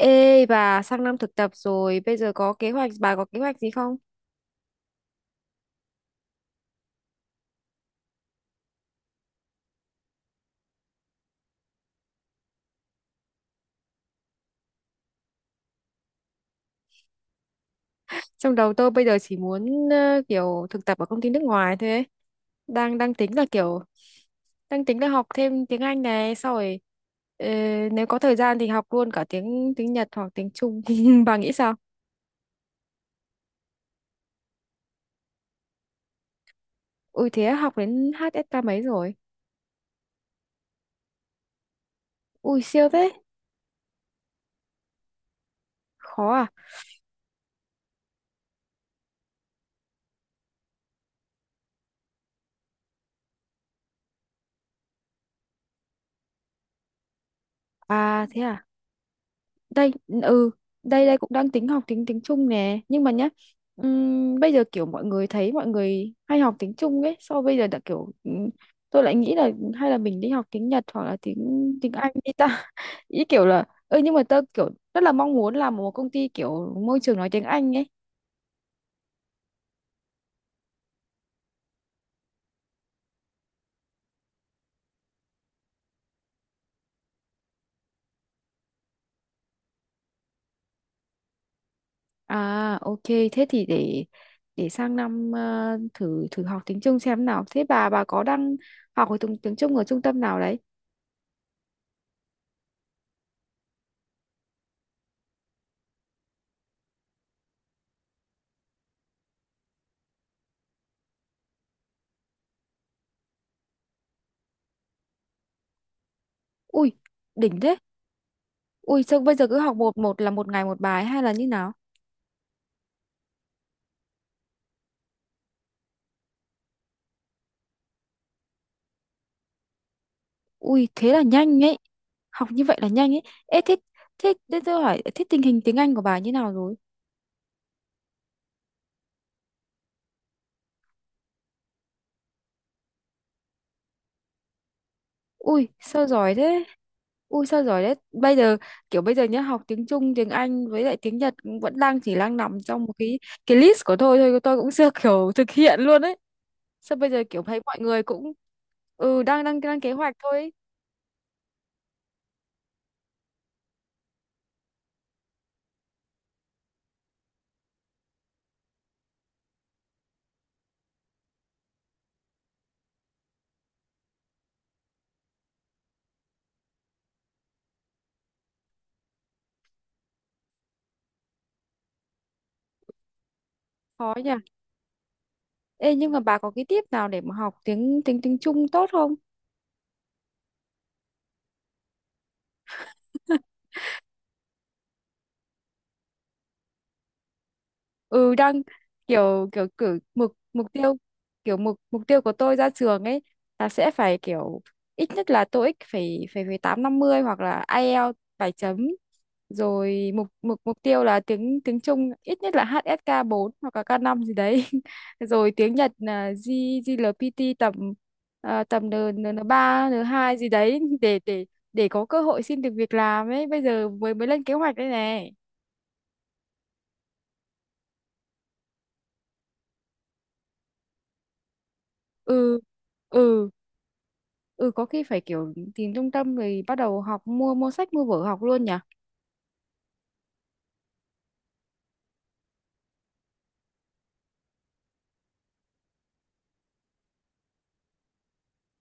Ê bà sang năm thực tập rồi bây giờ có kế hoạch bà có kế hoạch gì không? Trong đầu tôi bây giờ chỉ muốn kiểu thực tập ở công ty nước ngoài thôi ấy. Đang đang tính là kiểu đang tính là học thêm tiếng Anh này, sau rồi ờ, nếu có thời gian thì học luôn cả tiếng tiếng Nhật hoặc tiếng Trung. Bà nghĩ sao? Ui, thế học đến HSK mấy rồi? Ui siêu thế. Khó à? À thế à? Đây ừ đây đây cũng đang tính học tiếng tiếng Trung nè, nhưng mà nhá, bây giờ kiểu mọi người thấy mọi người hay học tiếng Trung ấy, sau bây giờ đã kiểu, tôi lại nghĩ là hay là mình đi học tiếng Nhật hoặc là tiếng tiếng Anh đi ta. Ý kiểu là, ơ, nhưng mà tôi kiểu rất là mong muốn làm một công ty kiểu môi trường nói tiếng Anh ấy. À ok, thế thì để sang năm thử thử học tiếng Trung xem nào. Thế bà có đang học ở tiếng tiếng Trung ở trung tâm nào đấy? Ui đỉnh thế. Ui sao bây giờ cứ học một một là một ngày một bài hay là như nào? Ui thế là nhanh ấy. Học như vậy là nhanh ấy. Ê thế, thế tôi hỏi, thế tình hình tiếng Anh của bà như nào rồi? Ui sao giỏi thế? Ui sao giỏi thế? Bây giờ kiểu bây giờ nhá, học tiếng Trung, tiếng Anh với lại tiếng Nhật cũng vẫn đang chỉ đang nằm trong một cái list của tôi thôi, tôi cũng chưa kiểu thực hiện luôn ấy. Sao bây giờ kiểu thấy mọi người cũng, ừ, đang đang đang kế hoạch thôi ấy. Khó nhỉ. Ê, nhưng mà bà có cái tip nào để mà học tiếng tiếng tiếng Trung tốt không? Ừ, đang kiểu, kiểu cử mục mục tiêu, kiểu mục mục tiêu của tôi ra trường ấy là sẽ phải kiểu ít nhất là TOEIC phải phải phải tám năm mươi hoặc là IELTS bảy chấm, rồi mục mục mục tiêu là tiếng tiếng Trung ít nhất là HSK 4 hoặc là k năm gì đấy, rồi tiếng Nhật là GLPT tầm, à, tầm N n ba n hai gì đấy, để có cơ hội xin được việc làm ấy. Bây giờ mới mới lên kế hoạch đây này. Ừ, ừ, ừ, có khi phải kiểu tìm trung tâm rồi bắt đầu học, mua mua sách mua vở học luôn nhỉ.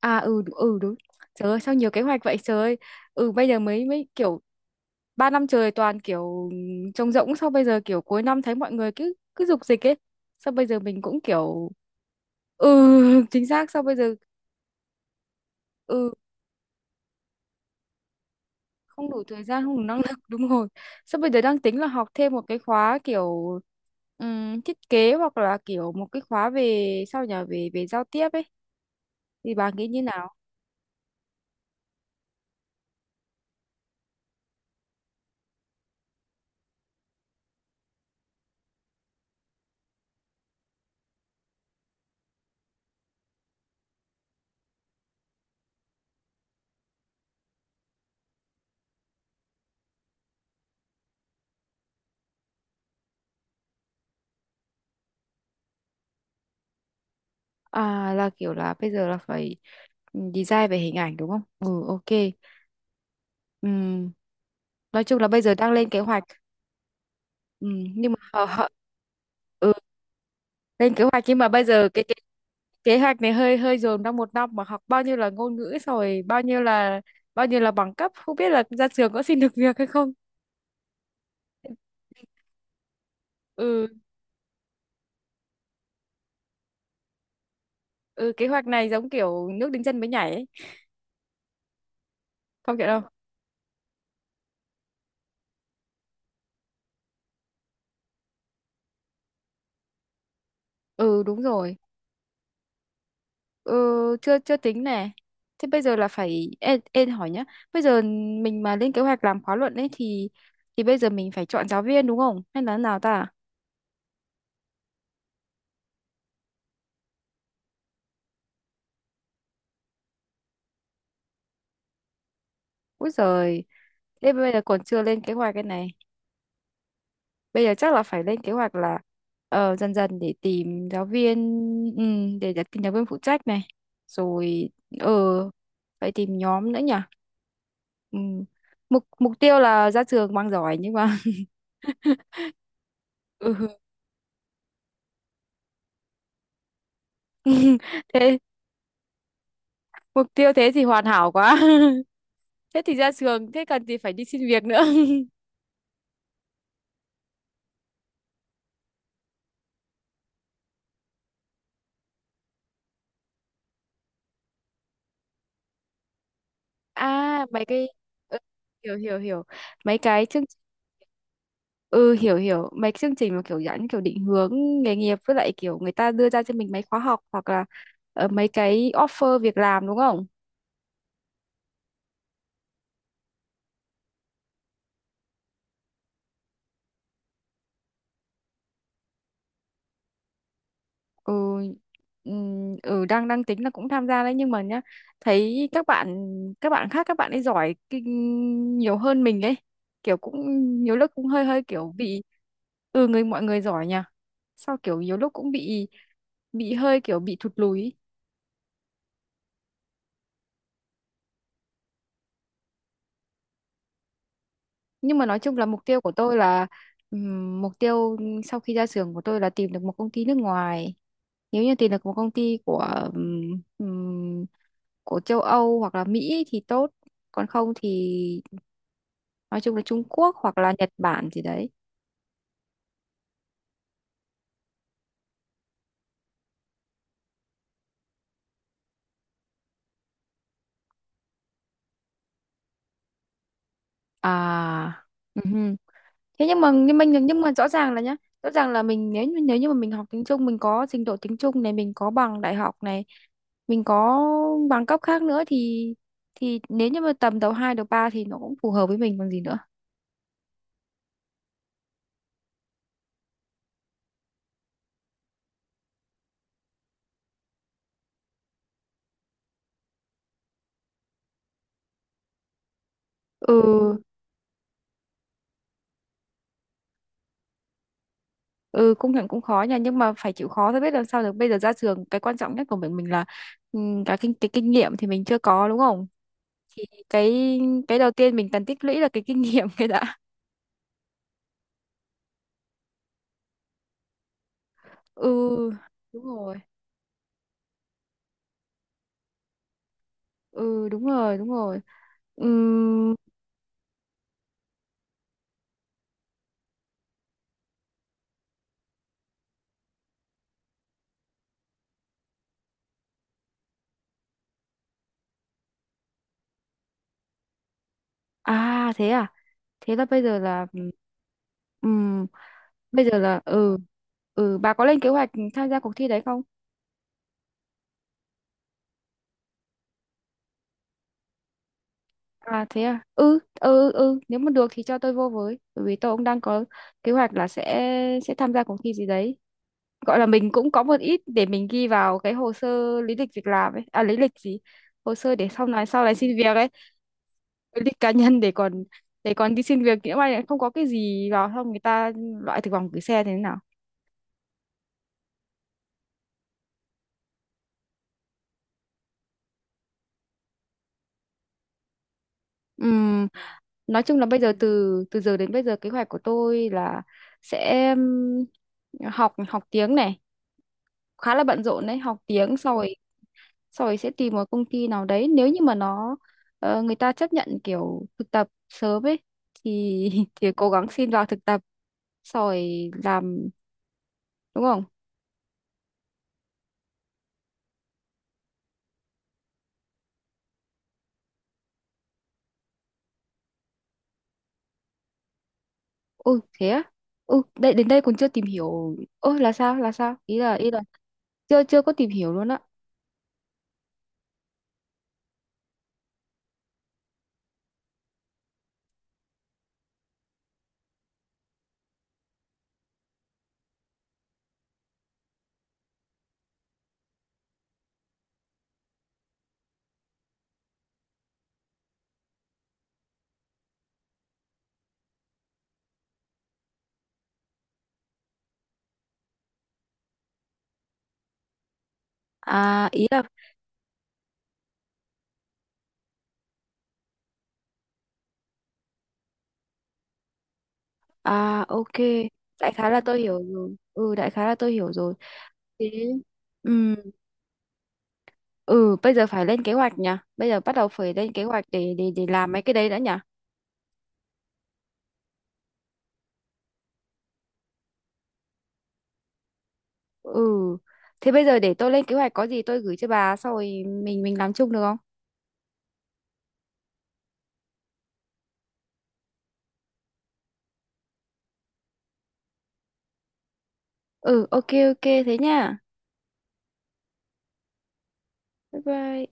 À, ừ, ừ, đúng. Trời ơi, sao nhiều kế hoạch vậy, trời ơi. Ừ, bây giờ mới mới kiểu, ba năm trời toàn kiểu trống rỗng, sau bây giờ kiểu cuối năm thấy mọi người cứ cứ dục dịch ấy, sao bây giờ mình cũng kiểu. Ừ, chính xác. Sao bây giờ, ừ, không đủ thời gian không đủ năng lực, đúng rồi. Sao bây giờ đang tính là học thêm một cái khóa kiểu, thiết kế, hoặc là kiểu một cái khóa về, sao nhở, về về giao tiếp ấy, thì bà nghĩ như nào? À là kiểu là bây giờ là phải, ừ, design về hình ảnh, đúng không? Ừ ok. Ừm, nói chung là bây giờ đang lên kế hoạch. Nhưng mà ừ, lên kế hoạch nhưng mà bây giờ cái kế hoạch này hơi hơi dồn trong một năm mà học bao nhiêu là ngôn ngữ, xong rồi bao nhiêu là, bằng cấp, không biết là ra trường có xin được việc hay không. Ừ, ừ, kế hoạch này giống kiểu nước đến chân mới nhảy ấy. Không hiểu đâu. Ừ đúng rồi, ừ chưa chưa tính nè. Thế bây giờ là phải, em hỏi nhá, bây giờ mình mà lên kế hoạch làm khóa luận ấy thì bây giờ mình phải chọn giáo viên đúng không hay là nào ta? Úi giời, thế bây giờ còn chưa lên kế hoạch cái này. Bây giờ chắc là phải lên kế hoạch là dần dần để tìm giáo viên. Ừ, để tìm giáo viên phụ trách này, rồi ờ phải tìm nhóm nữa nhỉ. Ừ. mục mục tiêu là ra trường mang giỏi nhưng mà ừ. Thế mục tiêu thế thì hoàn hảo quá. Thế thì ra trường thế cần gì phải đi xin việc nữa. À mấy cái, ừ, hiểu, hiểu, hiểu. Mấy cái chương trình Ừ, hiểu, hiểu, mấy cái chương trình mà kiểu dẫn, kiểu định hướng nghề nghiệp với lại kiểu người ta đưa ra cho mình mấy khóa học hoặc là mấy cái offer việc làm, đúng không? Ừ, ừ, đang đang tính là cũng tham gia đấy nhưng mà nhá, thấy các bạn, các bạn khác các bạn ấy giỏi kinh nhiều hơn mình ấy, kiểu cũng nhiều lúc cũng hơi hơi kiểu bị, ừ, mọi người giỏi nhỉ. Sao kiểu nhiều lúc cũng bị, hơi kiểu bị thụt lùi ý. Nhưng mà nói chung là mục tiêu của tôi là, mục tiêu sau khi ra trường của tôi là tìm được một công ty nước ngoài. Nếu như tìm được một công ty của, ừm, ừm, của châu Âu hoặc là Mỹ thì tốt, còn không thì nói chung là Trung Quốc hoặc là Nhật Bản gì đấy. À, Ừhư. Thế nhưng mà, nhưng mà rõ ràng là nhá, rõ ràng là mình, nếu như mà mình học tiếng Trung, mình có trình độ tiếng Trung này, mình có bằng đại học này, mình có bằng cấp khác nữa thì nếu như mà tầm đầu 2 đầu 3 thì nó cũng phù hợp với mình còn gì nữa. Ừ, ừ công nhận cũng khó nha, nhưng mà phải chịu khó thôi, biết làm sao được. Bây giờ ra trường cái quan trọng nhất của mình là, cái kinh nghiệm thì mình chưa có, đúng không? Cái cái đầu tiên mình cần tích lũy là cái kinh nghiệm cái đã. Ừ đúng rồi, ừ đúng rồi, đúng rồi. Ừm, à thế à, thế là bây giờ là, ừm, ừ, ừ, bà có lên kế hoạch tham gia cuộc thi đấy không? À thế à, ừ, ừ, ừ, nếu mà được thì cho tôi vô với, bởi vì tôi cũng đang có kế hoạch là sẽ tham gia cuộc thi gì đấy, gọi là mình cũng có một ít để mình ghi vào cái hồ sơ, lý lịch việc làm ấy, à lý lịch gì, hồ sơ để sau này, sau này xin việc ấy, cái lịch cá nhân để còn, để còn đi xin việc, nhỡ may lại không có cái gì vào không, người ta loại thực vòng gửi xe thế nào. Ừm, nói chung là bây giờ từ, giờ đến bây giờ kế hoạch của tôi là sẽ, học, học tiếng này khá là bận rộn đấy, học tiếng sau rồi, sẽ tìm một công ty nào đấy, nếu như mà nó, người ta chấp nhận kiểu thực tập sớm ấy thì thì cố gắng xin vào thực tập, sau rồi làm, đúng không? Ôi thế á? Ừ, đây đến đây còn chưa tìm hiểu. Ôi là sao? Là sao? Ý là, ý là chưa chưa có tìm hiểu luôn á. À ý là À ok, đại khái là tôi hiểu rồi. Ừ đại khái là tôi hiểu rồi. Thế, ừ, ừ, bây giờ phải lên kế hoạch nhỉ. Bây giờ bắt đầu phải lên kế hoạch để làm mấy cái đấy đã nhỉ. Ừ. Thế bây giờ để tôi lên kế hoạch, có gì tôi gửi cho bà, sau rồi mình làm chung được không? Ừ ok ok thế nha. Bye bye.